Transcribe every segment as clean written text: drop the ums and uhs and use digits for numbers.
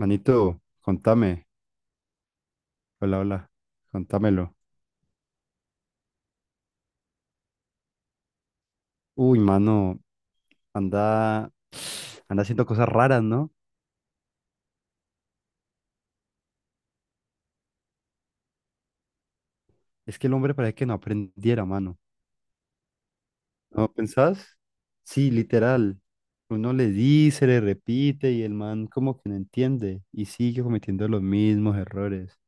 Manito, contame. Hola, hola. Contámelo. Uy, mano, anda, anda haciendo cosas raras, ¿no? Es que el hombre parece que no aprendiera, mano. ¿No pensás? Sí, literal. Uno le dice, le repite y el man como que no entiende y sigue cometiendo los mismos errores.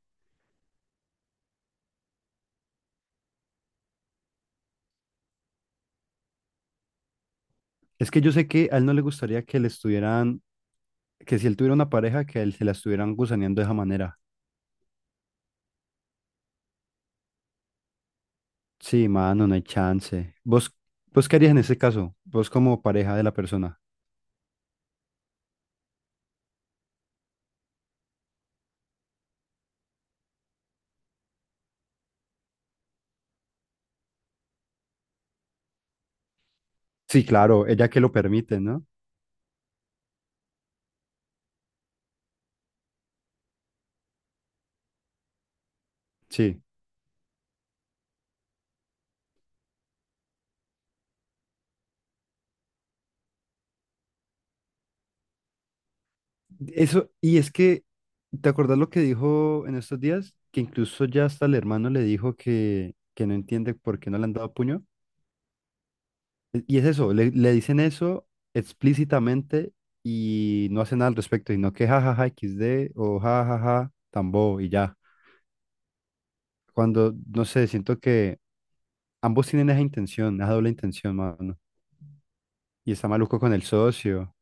Es que yo sé que a él no le gustaría que le estuvieran, que si él tuviera una pareja, que a él se la estuvieran gusaneando de esa manera. Sí, mano, no hay chance. ¿Vos qué harías en ese caso? Vos como pareja de la persona. Sí, claro, ella que lo permite, ¿no? Sí. Eso, y es que, ¿te acordás lo que dijo en estos días? Que incluso ya hasta el hermano le dijo que no entiende por qué no le han dado puño. Y es eso, le dicen eso explícitamente y no hacen nada al respecto, sino que jajaja XD o jajaja tambo y ya. Cuando, no sé, siento que ambos tienen esa intención, esa doble intención, mano. Y está maluco con el socio.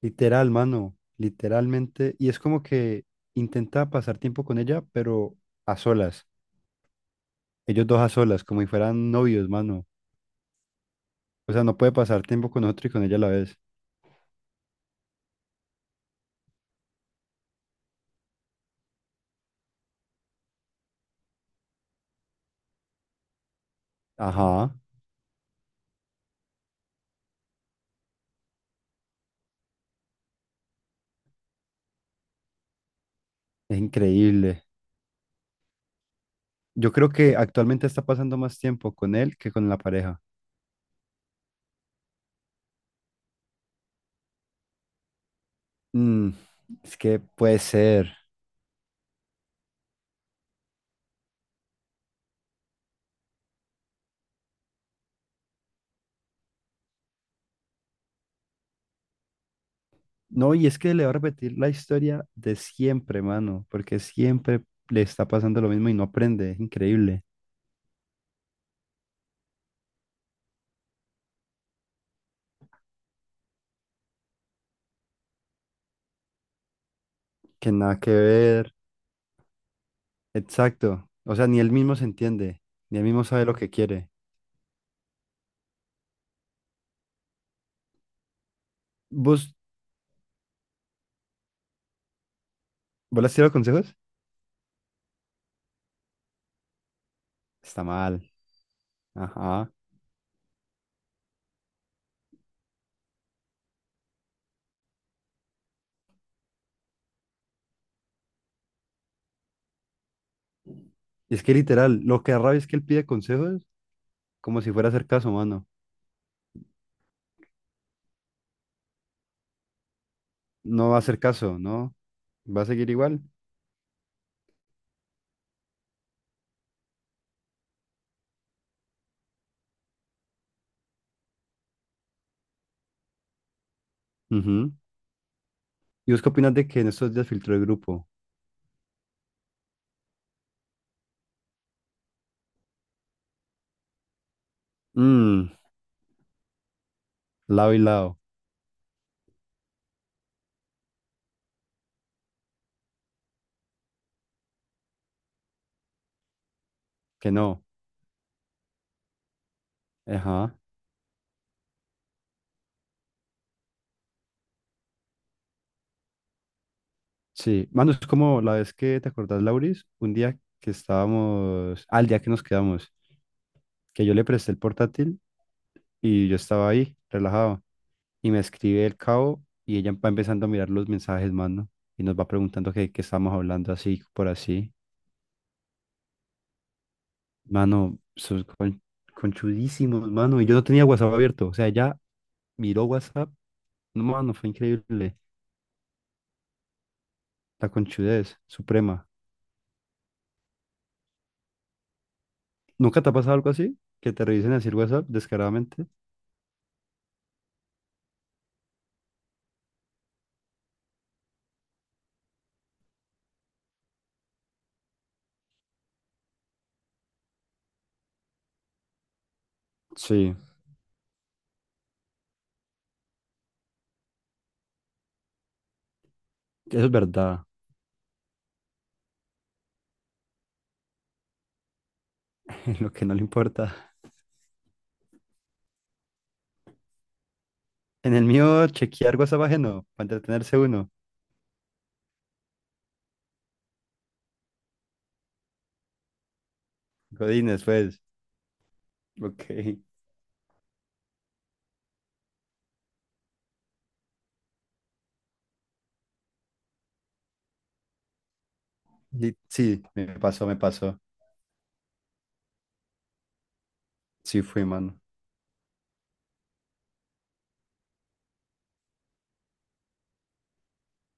Literal, mano, literalmente. Y es como que intenta pasar tiempo con ella, pero a solas. Ellos dos a solas, como si fueran novios, mano. O sea, no puede pasar tiempo con otro y con ella a la vez. Ajá, es increíble. Yo creo que actualmente está pasando más tiempo con él que con la pareja. Mm, es que puede ser. No, y es que le va a repetir la historia de siempre, mano, porque siempre le está pasando lo mismo y no aprende. Es increíble. Que nada que ver. Exacto. O sea, ni él mismo se entiende, ni él mismo sabe lo que quiere. ¿Vos, vos le has tirado consejos? Está mal. Ajá. Y es que literal, lo que da rabia es que él pide consejos como si fuera a hacer caso, mano. No va a hacer caso, ¿no? Va a seguir igual. Ujú. ¿Y vos qué opinas de que en estos días filtró el grupo? Mmm, lado y lado. Que no. Ajá. Sí. Mano, es como la vez que te acordás, Lauris, un día que estábamos, al día que nos quedamos, que yo le presté el portátil y yo estaba ahí, relajado. Y me escribe el cabo y ella va empezando a mirar los mensajes, mano. Y nos va preguntando qué estamos hablando así, por así. Mano, conchudísimos, mano. Y yo no tenía WhatsApp abierto. O sea, ella miró WhatsApp. No, mano, fue increíble. La conchudez suprema. ¿Nunca te ha pasado algo así? ¿Que te revisen así el WhatsApp descaradamente? Sí, eso es verdad. En lo que no le importa. En el mío, chequear WhatsApp ajeno, para entretenerse uno. Godines, pues. Ok. Y- Sí, me pasó, me pasó. Sí fui, mano.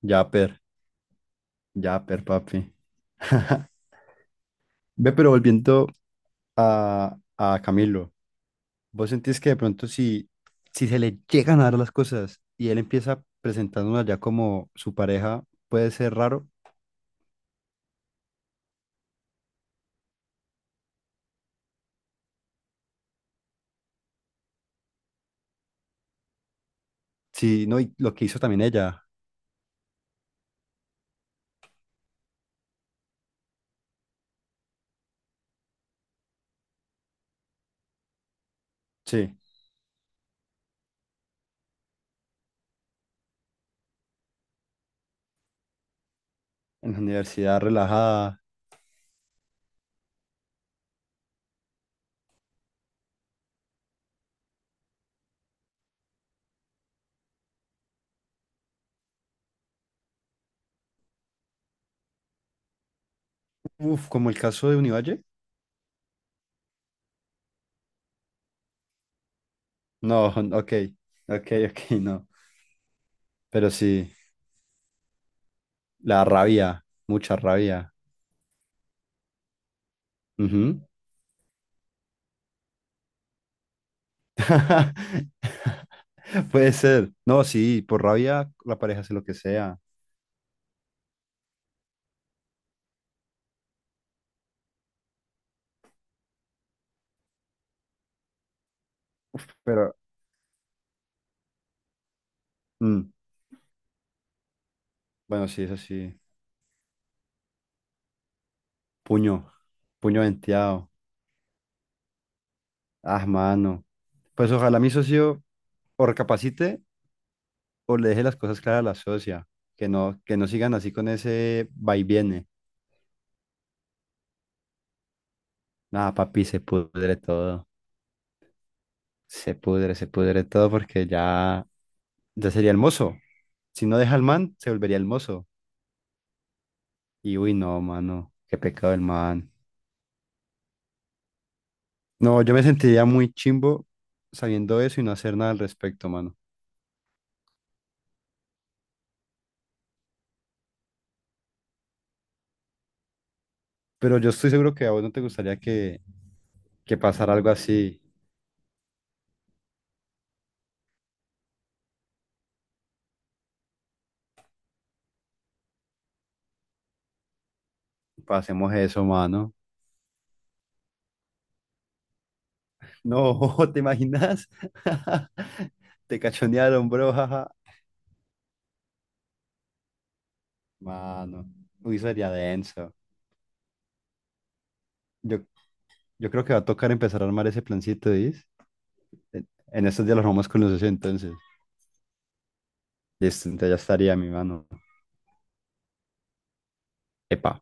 Yapper, yapper, papi. Ve, pero volviendo a Camilo, ¿vos sentís que de pronto si se le llegan a dar las cosas y él empieza presentándonos ya como su pareja, puede ser raro? Sí, no, y lo que hizo también ella. Sí, en la universidad relajada. Uf, como el caso de Univalle. No, ok, ok, ok, no. Pero sí, la rabia, mucha rabia. Ujú. Puede ser. No, sí, por rabia la pareja hace lo que sea. Pero, mm, bueno, sí, eso sí. Puño, puño venteado. Ah, mano. Pues ojalá mi socio o recapacite o le deje las cosas claras a la socia. Que no sigan así con ese va y viene. Nada, papi, se pudre todo. Se pudre todo porque ya, ya sería el mozo. Si no deja al man, se volvería el mozo. Y uy, no, mano. Qué pecado el man. No, yo me sentiría muy chimbo sabiendo eso y no hacer nada al respecto, mano. Pero yo estoy seguro que a vos no te gustaría que pasara algo así. Pasemos eso, mano. No, ¿te imaginas? Te cachonearon, bro, jaja. Mano, uy, sería denso. Yo, yo creo que va a tocar empezar a armar ese plancito, ¿dis? En estos días lo armamos con los 60, entonces. Listo, entonces ya estaría mi mano. Epa.